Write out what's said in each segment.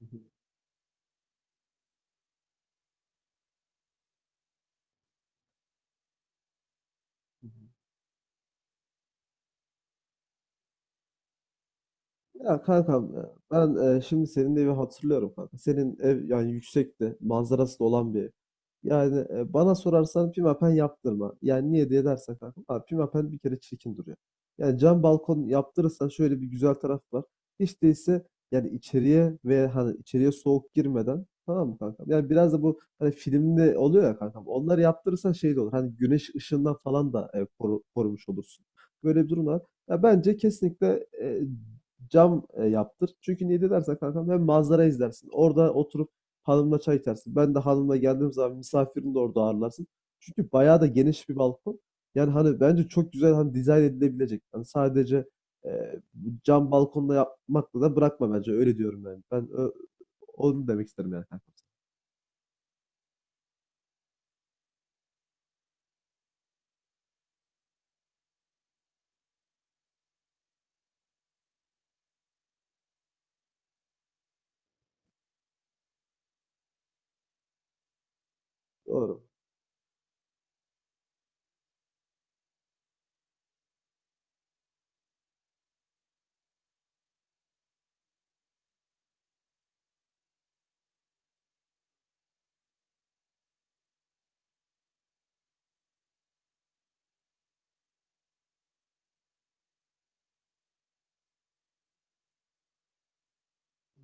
Hı hı. Hı hı. Ya kanka ben şimdi senin evi hatırlıyorum kanka. Senin ev yani yüksekte, manzarası da olan bir ev. Yani bana sorarsan pimapen yaptırma. Yani niye diye dersen kanka. Abi pimapen bir kere çirkin duruyor. Yani cam balkon yaptırırsan şöyle bir güzel taraf var. Hiç değilse yani içeriye ve hani içeriye soğuk girmeden tamam mı kankam? Yani biraz da bu hani filmde oluyor ya kankam. Onları yaptırırsan şey de olur. Hani güneş ışığından falan da korumuş olursun. Böyle bir durum var. Ya bence kesinlikle cam yaptır. Çünkü niye de dersen kankam hem manzara izlersin. Orada oturup hanımla çay içersin. Ben de hanımla geldiğim zaman misafirini de orada ağırlarsın. Çünkü bayağı da geniş bir balkon. Yani hani bence çok güzel hani dizayn edilebilecek. Hani sadece e, cam balkonla yapmakla da bırakma bence. Öyle diyorum yani. Onu demek isterim yani kankam. Doğru.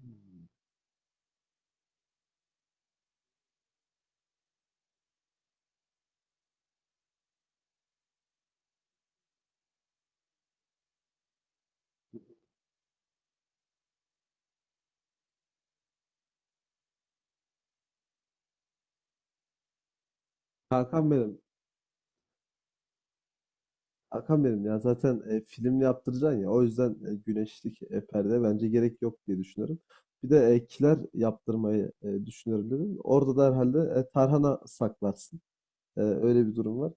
Hmm. Kankam benim. Hakan benim ya zaten film yaptıracaksın ya o yüzden güneşlik perde bence gerek yok diye düşünüyorum. Bir de kiler yaptırmayı düşünüyorum dedim. Orada da herhalde tarhana saklarsın. Öyle bir durum var.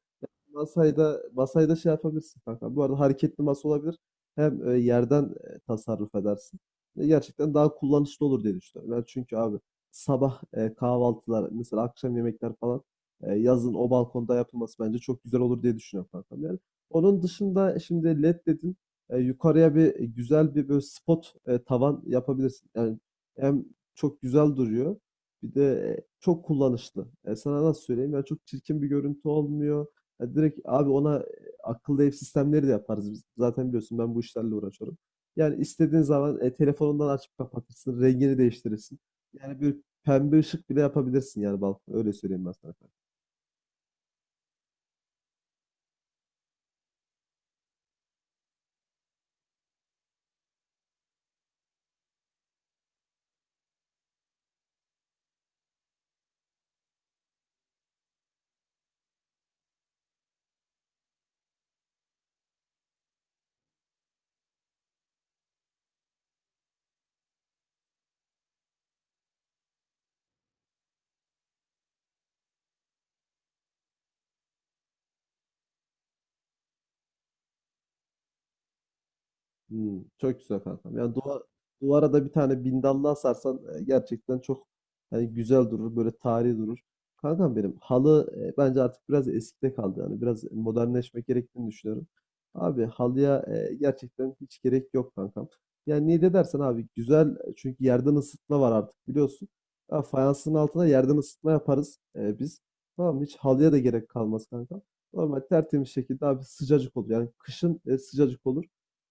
Masayda şey yapabilirsin kanka. Bu arada hareketli masa olabilir. Hem yerden tasarruf edersin. Ve gerçekten daha kullanışlı olur diye düşünüyorum. Ben çünkü abi sabah kahvaltılar, mesela akşam yemekler falan yazın o balkonda yapılması bence çok güzel olur diye düşünüyorum kankam yani. Onun dışında şimdi led dedin. Yukarıya bir güzel bir böyle spot tavan yapabilirsin. Yani hem çok güzel duruyor. Bir de çok kullanışlı. E, sana nasıl söyleyeyim? Yani çok çirkin bir görüntü olmuyor. Ya direkt abi ona akıllı ev sistemleri de yaparız biz. Zaten biliyorsun ben bu işlerle uğraşıyorum. Yani istediğin zaman telefonundan açıp kapatırsın, rengini değiştirirsin. Yani bir pembe ışık bile yapabilirsin yani balkona. Öyle söyleyeyim ben sana. Hmm, çok güzel kankam. Duvara da bir tane bindallı asarsan gerçekten çok hani güzel durur, böyle tarihi durur. Kankam benim halı bence artık biraz eskide kaldı yani biraz modernleşmek gerektiğini düşünüyorum. Abi halıya gerçekten hiç gerek yok kankam. Yani niye de dersen abi güzel çünkü yerden ısıtma var artık biliyorsun. Ya fayansın altına yerden ısıtma yaparız biz. Tamam mı? Hiç halıya da gerek kalmaz kankam. Normal tertemiz şekilde abi sıcacık olur. Yani kışın sıcacık olur.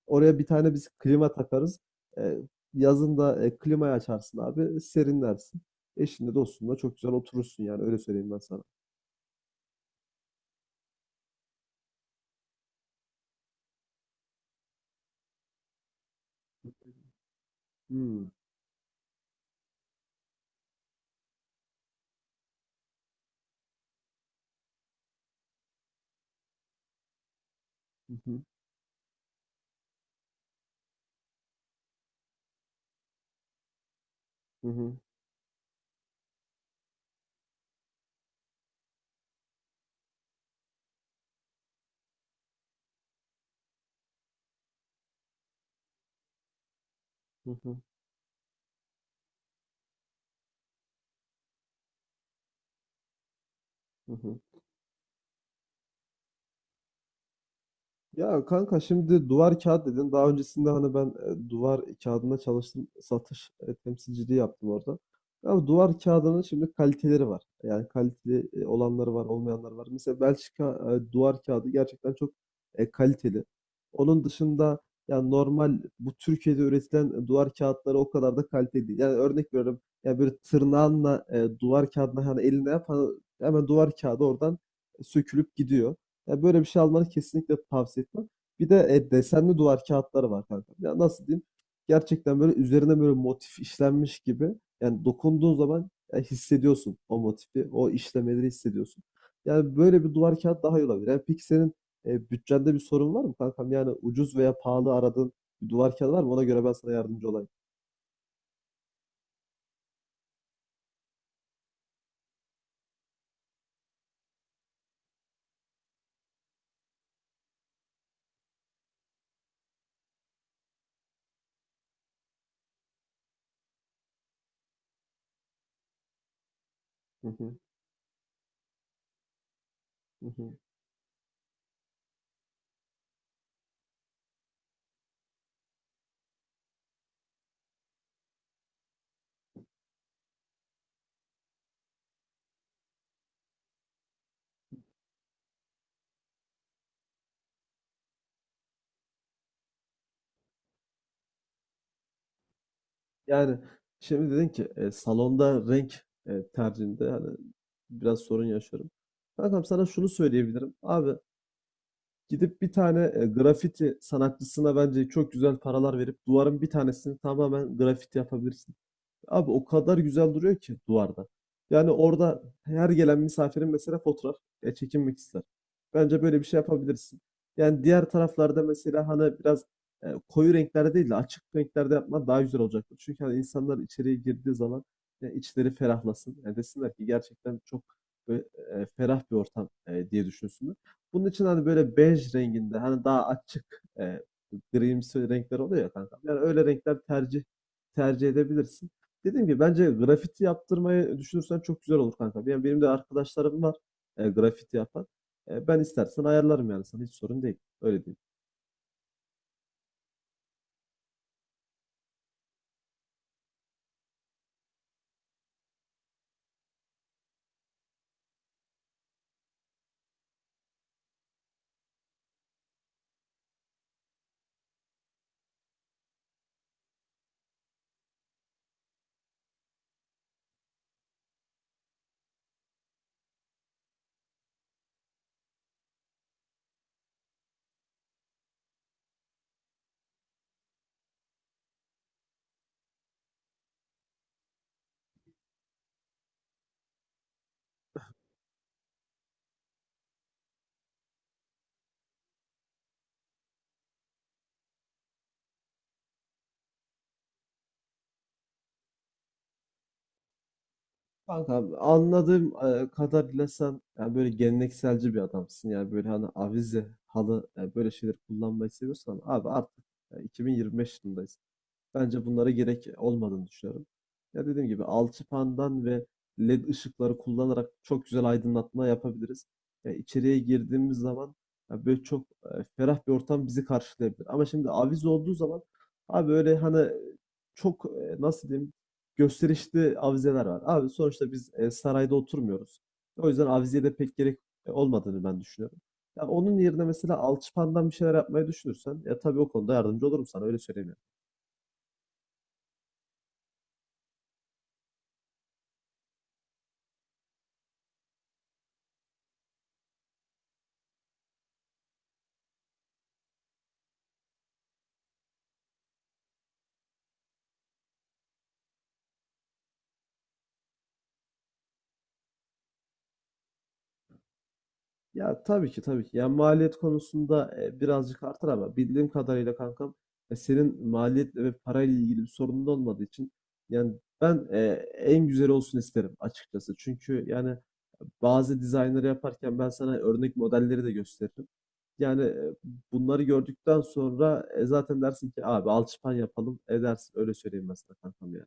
Oraya bir tane biz klima takarız. Eee, yazın da, klimayı açarsın abi, serinlersin. Eşinle, dostunla çok güzel oturursun yani öyle söyleyeyim ben sana. Hımm. Hı hı. Hı hı. Hı hı. Hı hı. Ya kanka şimdi duvar kağıt dedin. Daha öncesinde hani ben duvar kağıdına çalıştım. Satış temsilciliği yaptım orada. Ama duvar kağıdının şimdi kaliteleri var. Yani kaliteli olanları var, olmayanları var. Mesela Belçika duvar kağıdı gerçekten çok kaliteli. Onun dışında yani normal bu Türkiye'de üretilen duvar kağıtları o kadar da kaliteli değil. Yani örnek veriyorum. Yani böyle tırnağınla duvar kağıdına hani eline yap hani hemen duvar kağıdı oradan sökülüp gidiyor. Ya böyle bir şey almanı kesinlikle tavsiye etmem. Bir de desenli duvar kağıtları var kanka. Ya nasıl diyeyim? Gerçekten böyle üzerine böyle motif işlenmiş gibi. Yani dokunduğun zaman ya hissediyorsun o motifi, o işlemeleri hissediyorsun. Yani böyle bir duvar kağıt daha iyi olabilir. Yani peki senin bütçende bir sorun var mı kankam? Yani ucuz veya pahalı aradığın bir duvar kağıdı var mı? Ona göre ben sana yardımcı olayım. Hı hı, hı hı. Yani şimdi dedin ki salonda renk tercihinde hani biraz sorun yaşıyorum. Kankam sana şunu söyleyebilirim. Abi gidip bir tane grafiti sanatçısına bence çok güzel paralar verip duvarın bir tanesini tamamen grafiti yapabilirsin. Abi o kadar güzel duruyor ki duvarda. Yani orada her gelen misafirin mesela fotoğraf ya çekinmek ister. Bence böyle bir şey yapabilirsin. Yani diğer taraflarda mesela hani biraz koyu renklerde değil de açık renklerde yapman daha güzel olacaktır. Çünkü hani insanlar içeriye girdiği zaman ya içleri ferahlasın. Yani desinler ki gerçekten çok böyle, ferah bir ortam diye düşünsünler. Bunun için hani böyle bej renginde hani daha açık grimsi renkler oluyor ya kanka. Yani öyle renkler tercih edebilirsin. Dediğim gibi bence grafiti yaptırmayı düşünürsen çok güzel olur kanka. Yani benim de arkadaşlarım var grafiti yapan. Ben istersen ayarlarım yani sana hiç sorun değil. Öyle değil. Kanka anladığım kadarıyla sen yani böyle gelenekselci bir adamsın. Yani böyle hani avize, halı böyle şeyler kullanmayı seviyorsan abi artık 2025 yılındayız. Bence bunlara gerek olmadığını düşünüyorum. Ya dediğim gibi alçıpandan ve led ışıkları kullanarak çok güzel aydınlatma yapabiliriz. Ya içeriye girdiğimiz zaman ya böyle çok ferah bir ortam bizi karşılayabilir. Ama şimdi avize olduğu zaman abi öyle hani nasıl diyeyim gösterişli avizeler var. Abi sonuçta biz sarayda oturmuyoruz. O yüzden avizeye de pek gerek olmadığını ben düşünüyorum. Ya onun yerine mesela alçıpandan bir şeyler yapmayı düşünürsen ya tabii o konuda yardımcı olurum sana öyle söyleyeyim. Yani. Ya tabii ki tabii ki. Yani maliyet konusunda birazcık artar ama bildiğim kadarıyla kankam senin maliyetle ve parayla ilgili bir sorunun olmadığı için yani ben en güzel olsun isterim açıkçası. Çünkü yani bazı dizaynları yaparken ben sana örnek modelleri de gösteririm. Yani, bunları gördükten sonra, zaten dersin ki abi alçıpan yapalım edersin. Öyle söyleyeyim mesela sana kankam yani.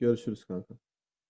Görüşürüz kanka.